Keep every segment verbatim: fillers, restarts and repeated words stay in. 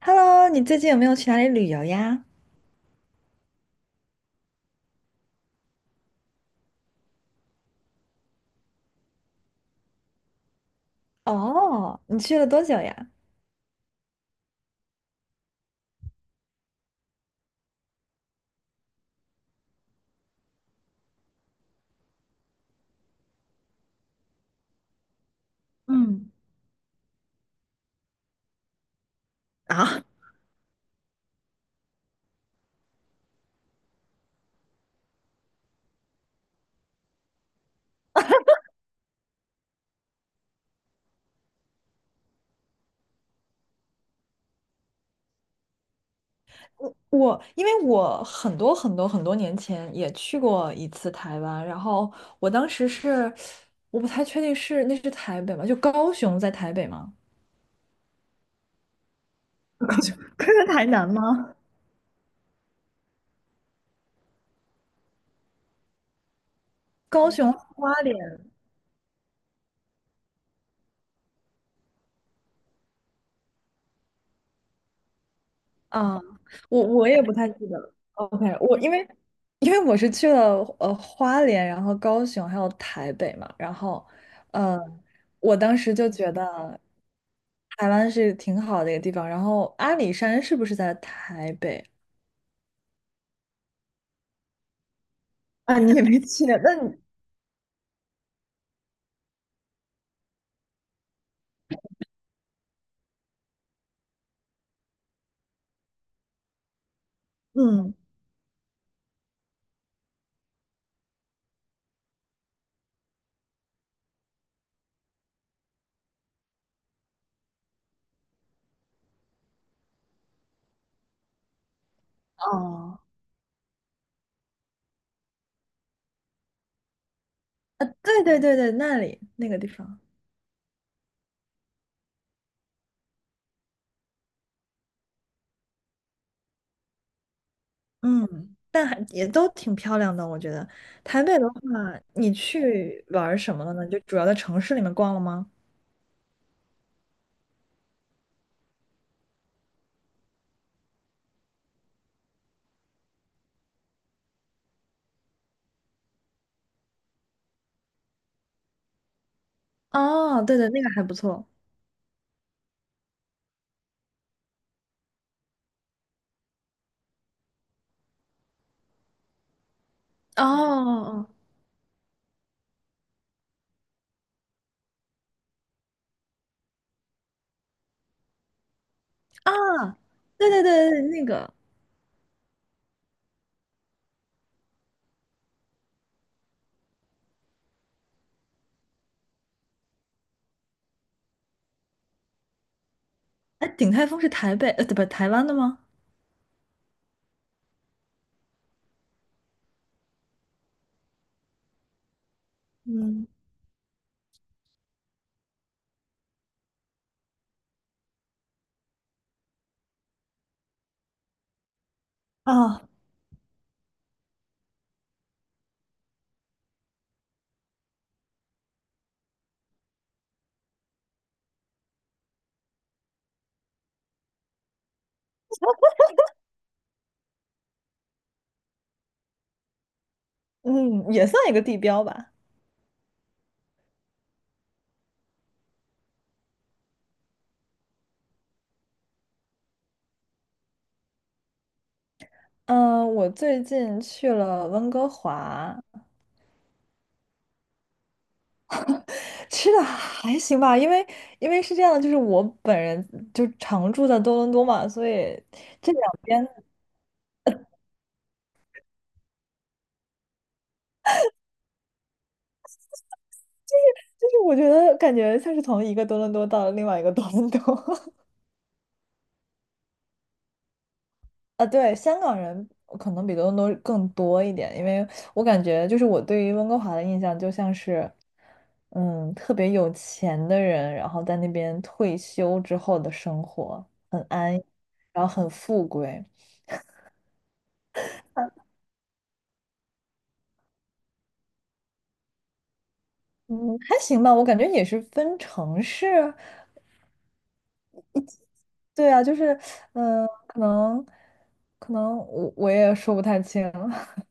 Hello，你最近有没有去哪里旅游呀？哦，你去了多久呀？嗯，啊，我我因为我很多很多很多年前也去过一次台湾，然后我当时是，我不太确定是那是台北吗？就高雄在台北吗？高雄，台南吗？高雄花莲。啊，我我也不太记得了。OK,我因为，因为我是去了呃花莲，然后高雄还有台北嘛，然后，呃我当时就觉得台湾是挺好的一个地方。然后阿里山是不是在台北？啊？你也没去，那你，嗯，哦，啊，对对对对，那里那个地方，嗯，但还也都挺漂亮的，我觉得。台北的话，你去玩儿什么了呢？就主要在城市里面逛了吗？哦，对对，那个还不错。哦哦，哦啊，对对对对，那个，哎，鼎泰丰是台北，呃，不，台湾的吗？嗯，啊，嗯，也算一个地标吧。嗯，我最近去了温哥华，吃的还行吧，因为，因为是这样的，就是我本人就常住在多伦多嘛，所以这两边，就是我觉得感觉像是从一个多伦多到了另外一个多伦多。啊，对，香港人可能比多伦多更多一点，因为我感觉就是我对于温哥华的印象就像是，嗯，特别有钱的人，然后在那边退休之后的生活很安逸，然后很富贵。嗯，还行吧，我感觉也是分城市，对啊，就是，嗯，可能，可能我我也说不太清。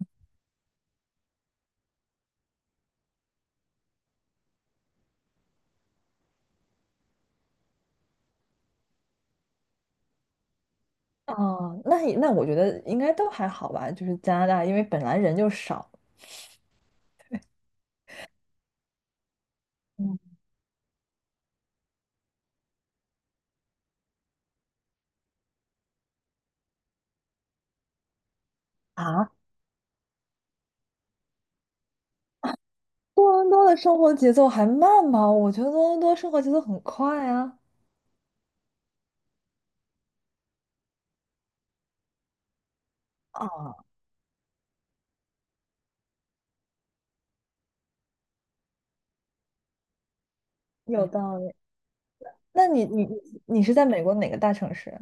哦，那也，那我觉得应该都还好吧，就是加拿大，因为本来人就少。嗯，啊，多伦多的生活节奏还慢吗？我觉得多伦多生活节奏很快啊。啊，有，嗯，道理。那你你你你是在美国哪个大城市？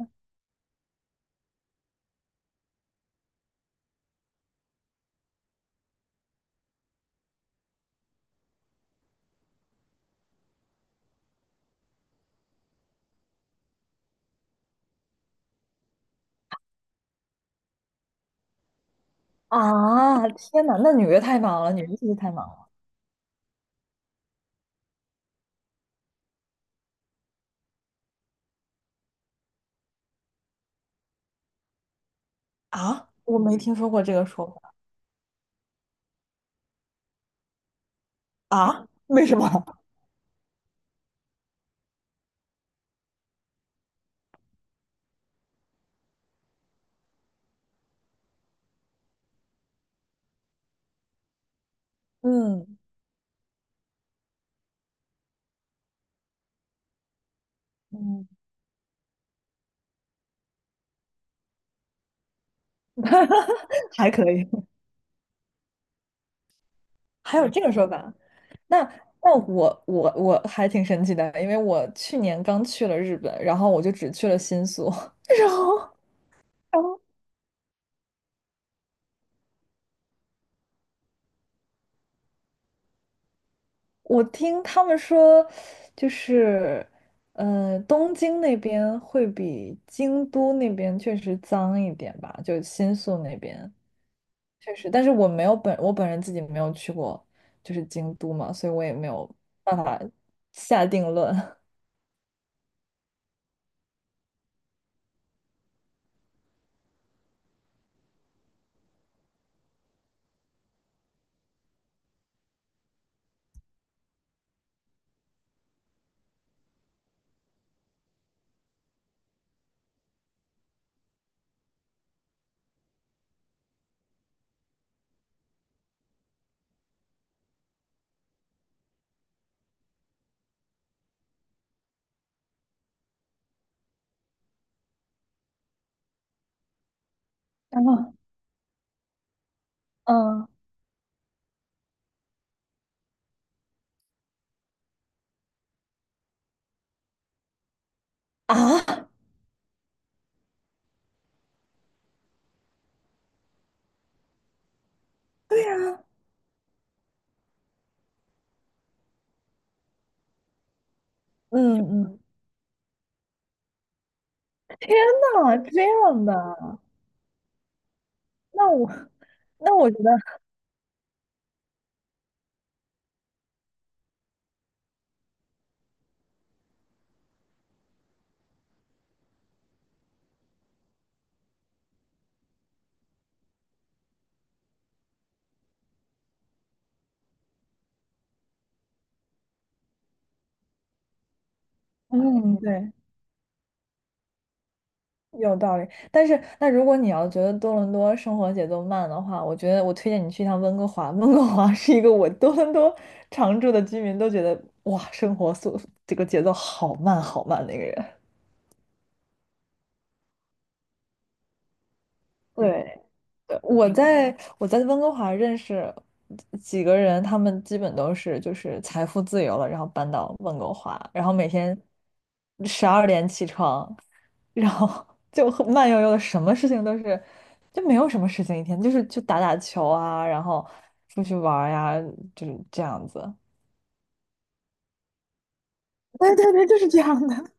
啊，天哪，那纽约太忙了，纽约确实太忙了。啊，我没听说过这个说法。啊，为什么？嗯嗯，还可以。 还有这个说法。那，那我我我还挺神奇的，因为我去年刚去了日本，然后我就只去了新宿，然后，然后。我听他们说，就是，呃，东京那边会比京都那边确实脏一点吧，就新宿那边确实，但是我没有，本，我本人自己没有去过，就是京都嘛，所以我也没有办法下定论。 然后，嗯，啊。嗯嗯，天呐，这样的，那，我，那我觉得，嗯，对，有道理，但是那如果你要觉得多伦多生活节奏慢的话，我觉得我推荐你去一趟温哥华。温哥华是一个我多伦多常住的居民都觉得哇，生活速，这个节奏好慢好慢的一个人。对。对，我在我在温哥华认识几个人，他们基本都是就是财富自由了，然后搬到温哥华，然后每天十二点起床，然后 就很慢悠悠的，什么事情都是，就没有什么事情一天，就是去打打球啊，然后出去玩儿呀，就是这样子。对对对，就是这样的。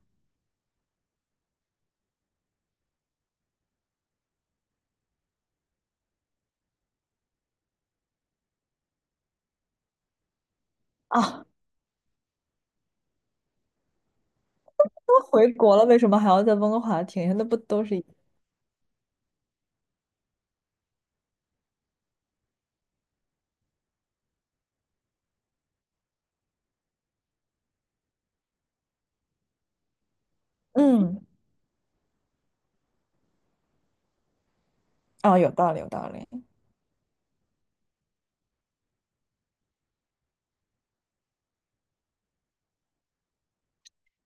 啊！都回国了，为什么还要在温哥华停下？那不都是一，嗯，哦，有道理，有道理，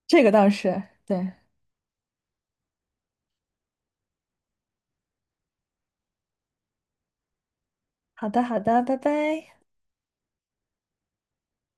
这个倒是对。好的，好的，拜拜。